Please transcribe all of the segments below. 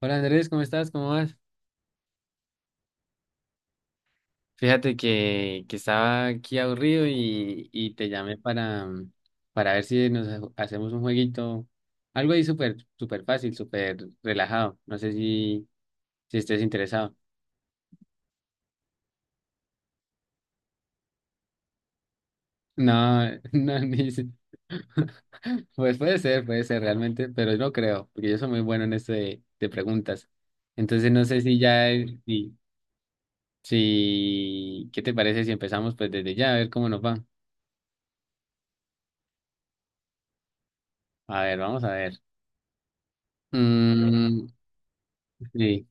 Hola Andrés, ¿cómo estás? ¿Cómo vas? Fíjate que estaba aquí aburrido y te llamé para ver si nos hacemos un jueguito, algo ahí súper súper fácil, súper relajado. No sé si estés interesado. No, no, ni... si- Pues puede ser realmente, pero no creo, porque yo soy muy bueno en esto de preguntas. Entonces no sé si ya, si, si, ¿qué te parece si empezamos pues desde ya a ver cómo nos va? A ver, vamos a ver. Mm, sí.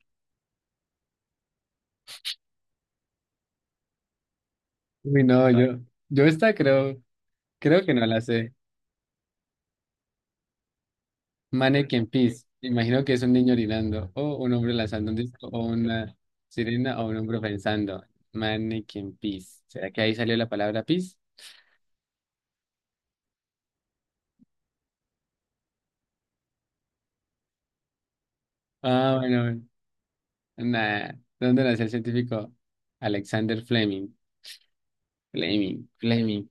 Uy, no, yo esta creo que no la sé. Mannequin Peace. Imagino que es un niño orinando, o un hombre lanzando un disco, o una sirena, o un hombre pensando. Mannequin Peace. ¿Será que ahí salió la palabra peace? Ah, bueno, nada. ¿Dónde nació el científico Alexander Fleming? Fleming, Fleming.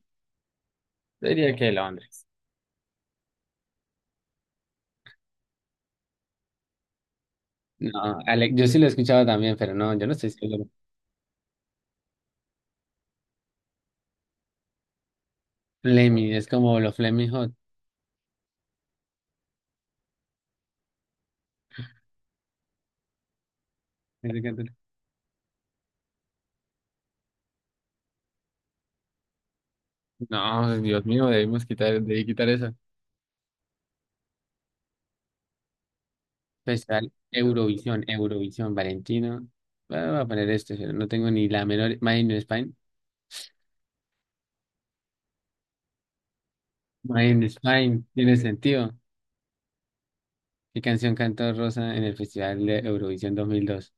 Yo diría que Londres. No, yo sí lo he escuchado también, pero no, yo no estoy seguro. Fleming, es como los Fleming Hot. No, Dios mío, debemos quitar, debí quitar esa. Festival Eurovisión, Eurovisión, Valentino. Ah, voy a poner esto, pero no tengo ni la menor. Mine in Spain. Mine in Spain, tiene sentido. ¿Qué canción cantó Rosa en el Festival de Eurovisión 2002?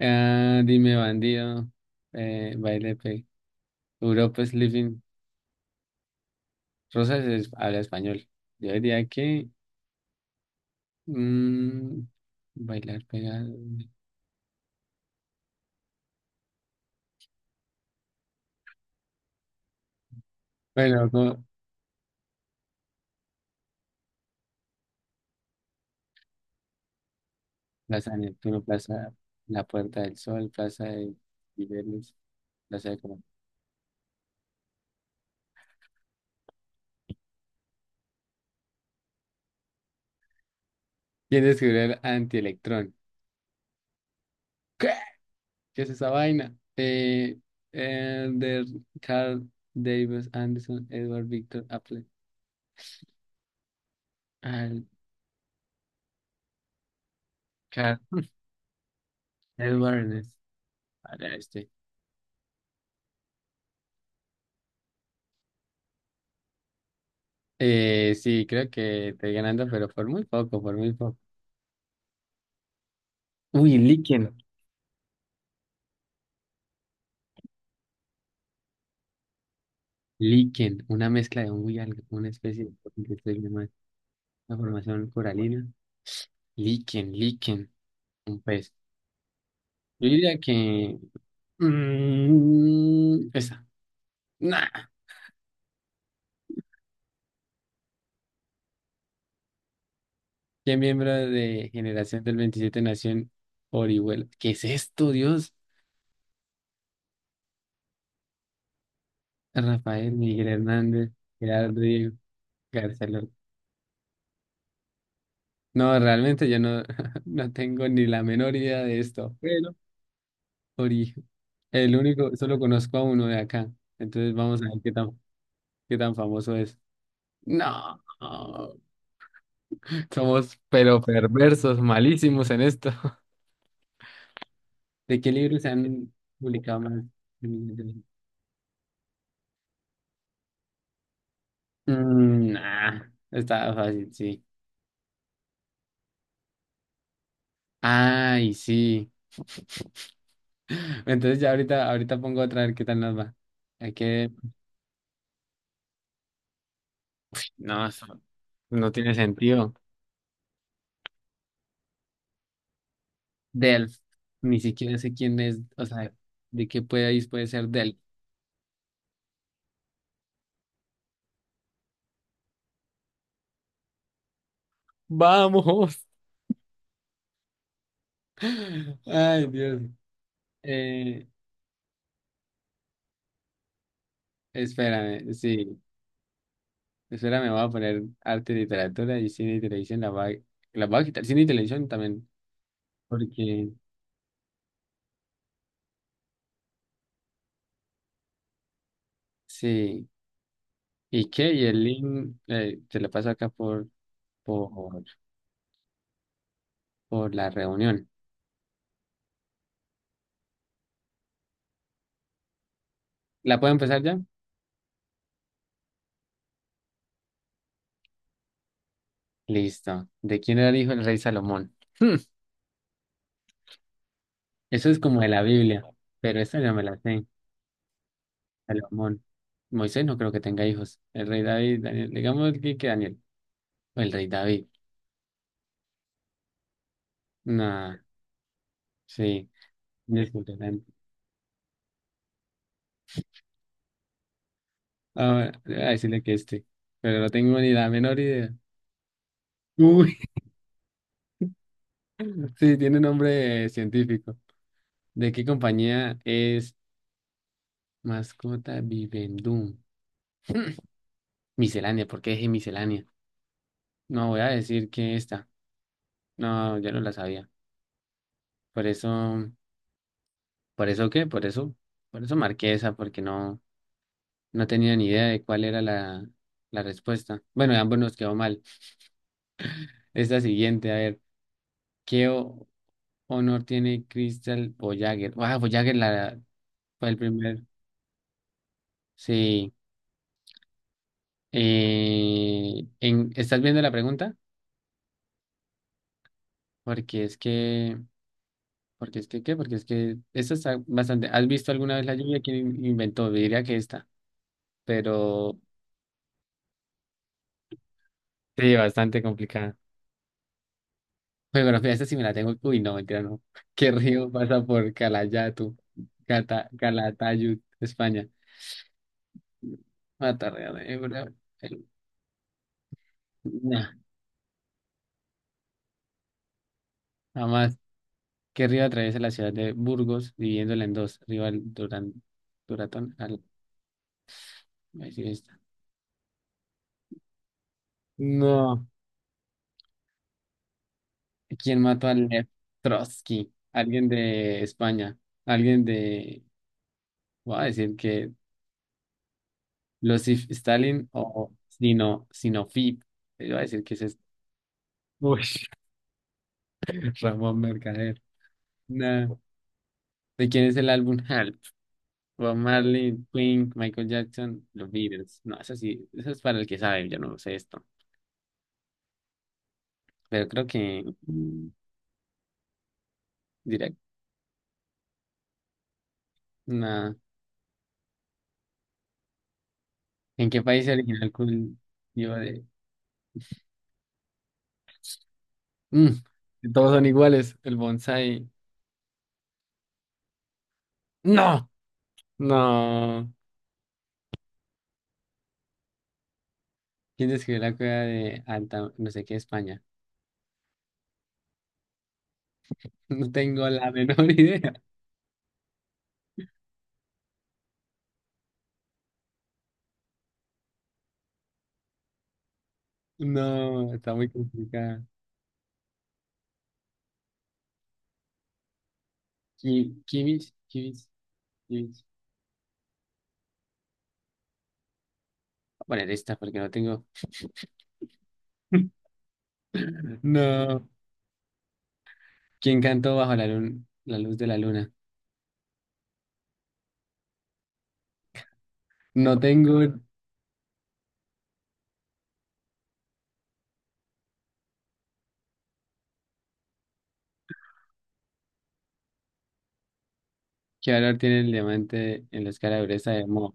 Ah, dime, bandido. Baile, pe. Europa is living. Rosa habla español. Yo diría que mm, bailar pegado. Bueno, no. Plaza de Neptuno, Plaza La Puerta del Sol, Plaza de Liberos, Plaza de Colón. ¿Quién descubrió el antielectrón? ¿Qué? ¿Qué es esa vaina? Elder Carl Davis Anderson, Edward Victor Apple, Al Carl Edward Ernest. Ahora este. Sí, creo que estoy ganando, pero por muy poco, por muy poco. Uy, líquen. Líquen, una mezcla de un y algo, una especie de formación coralina. Líquen, líquen, un pez. Yo diría que mm, esa. Nah. ¿Qué miembro de Generación del 27 nació en Orihuela? ¿Qué es esto, Dios? Rafael Miguel Hernández, Gerardo Diego, García Lorca. No, realmente yo no, no tengo ni la menor idea de esto. Pero Ori, el único, solo conozco a uno de acá. Entonces vamos a ver qué tan famoso es. No, somos pero perversos, malísimos en esto. ¿De qué libros se han publicado más? Mm, nah, está fácil, sí. Ay, sí. Entonces ya ahorita, ahorita pongo otra a ver qué tal nos va. Hay que... No, eso no tiene sentido. Delf. Ni siquiera sé quién es, o sea, de qué país puede ser Delf. ¡Vamos! Ay, Dios. Eh, espérame, sí. Espérame, voy a poner arte y literatura y cine y televisión. La voy a quitar. Cine y televisión también. Porque sí, ¿y qué? Y el link te lo paso acá por, por la reunión. ¿La puedo empezar ya? Listo. ¿De quién era el hijo del rey Salomón? Hmm, eso es como de la Biblia, pero esta ya me la sé. Salomón. Moisés no creo que tenga hijos. El rey David, Daniel. Digamos que Daniel. O el rey David. Nah, sí. Disculpen. Ahora, voy a decirle que este. Pero no tengo ni la menor idea. Uy, sí, tiene nombre científico. ¿De qué compañía es? Mascota Vivendum. Miscelánea, ¿por qué dije miscelánea? No, voy a decir que esta. No, ya no la sabía. Por eso, ¿Por eso qué? Por eso marqué esa, porque no, no tenía ni idea de cuál era la respuesta. Bueno, ambos nos quedó mal. Esta siguiente, a ver, ¿qué honor tiene Crystal Voyager? Ah, Voyager la, fue el primer. Sí. En, ¿estás viendo la pregunta? Porque es que Porque es que, ¿qué? Porque es que esta está bastante. ¿Has visto alguna vez la lluvia? ¿Quién inventó? Yo diría que esta, pero sí, bastante complicada. Geografía, esta sí me la tengo. Uy, no, mentira, no. ¿Qué río pasa por Calayatu, Cata, Calatayud, España? Matarrea de Ebro. El- nah, jamás. ¿Qué río atraviesa la ciudad de Burgos, dividiéndola en dos? Río Duran Duratón, al, ahí sí está. No. ¿Quién mató a Lev Trotsky? Alguien de España. Alguien de. Voy a decir que. Losif Stalin o Sino, Sinofib. Yo voy a decir que ese es. Uy, Ramón Mercader. No. ¿De quién es el álbum Help? Bob Marley, Queen, Michael Jackson, los Beatles. No, eso sí, eso es para el que sabe, yo no sé esto. Pero creo que mm, Direct. Nah. ¿En qué país se originó el cultivo de? Mm, todos son iguales. El bonsai. ¡No! No, ¿quién escribió la cueva de Alta, no sé qué, España? No tengo la menor idea. No, está muy complicada. Kimmich, Kimmich, Kimmich. Voy a poner esta porque no tengo. No. ¿Quién cantó bajo la luna, la luz de la luna? No tengo. ¿Qué valor tiene el diamante en la escala de dureza de Mohs?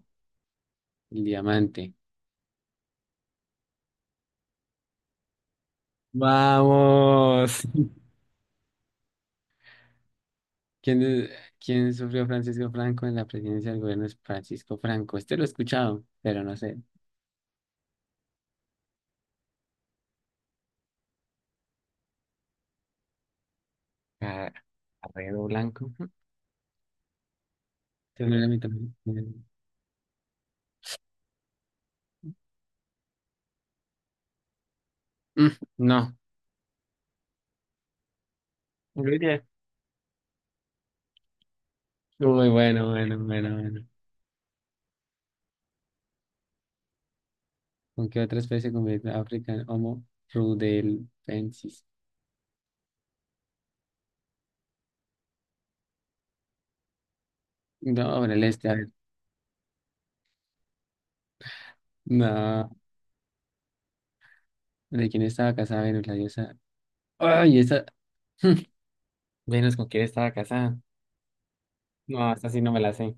El diamante. Vamos. ¿Quién, de- quién sufrió Francisco Franco en la presidencia del gobierno de Francisco Franco? Este lo he escuchado, pero no sé. Ah, arredo blanco. Ujú. Tiene la mitad, mm, no. Ruidia. Uy, bueno, bueno, bueno, bueno. ¿Con qué otra especie convive África? Homo rudelbensis. No, ahora el este, a ver. No. ¿De quién estaba casada Venus, la diosa? Ay, esa. Venus, ¿con quién estaba casada? No, esta sí no me la sé.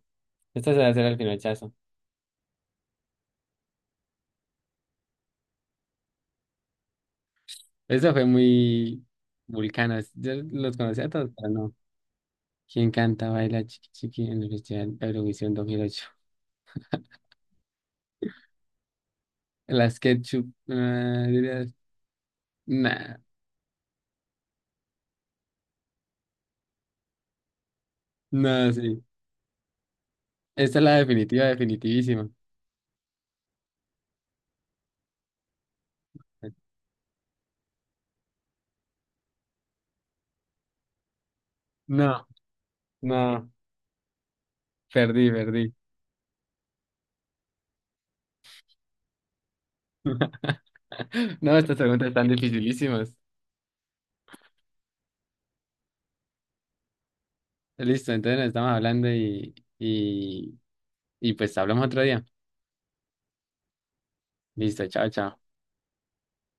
Esta se va a hacer al pinochazo. Eso fue muy vulcana. Yo los conocía a todos, pero no. ¿Quién canta, baila, chiqui chiqui en el Festival Eurovisión 2008? Las ketchup. Ah, dirías, nah, no, sí. Esta es la definitiva, definitivísima. No, no, perdí, perdí. No, estas preguntas están dificilísimas. Listo, entonces nos estamos hablando y pues hablamos otro día. Listo, chao, chao.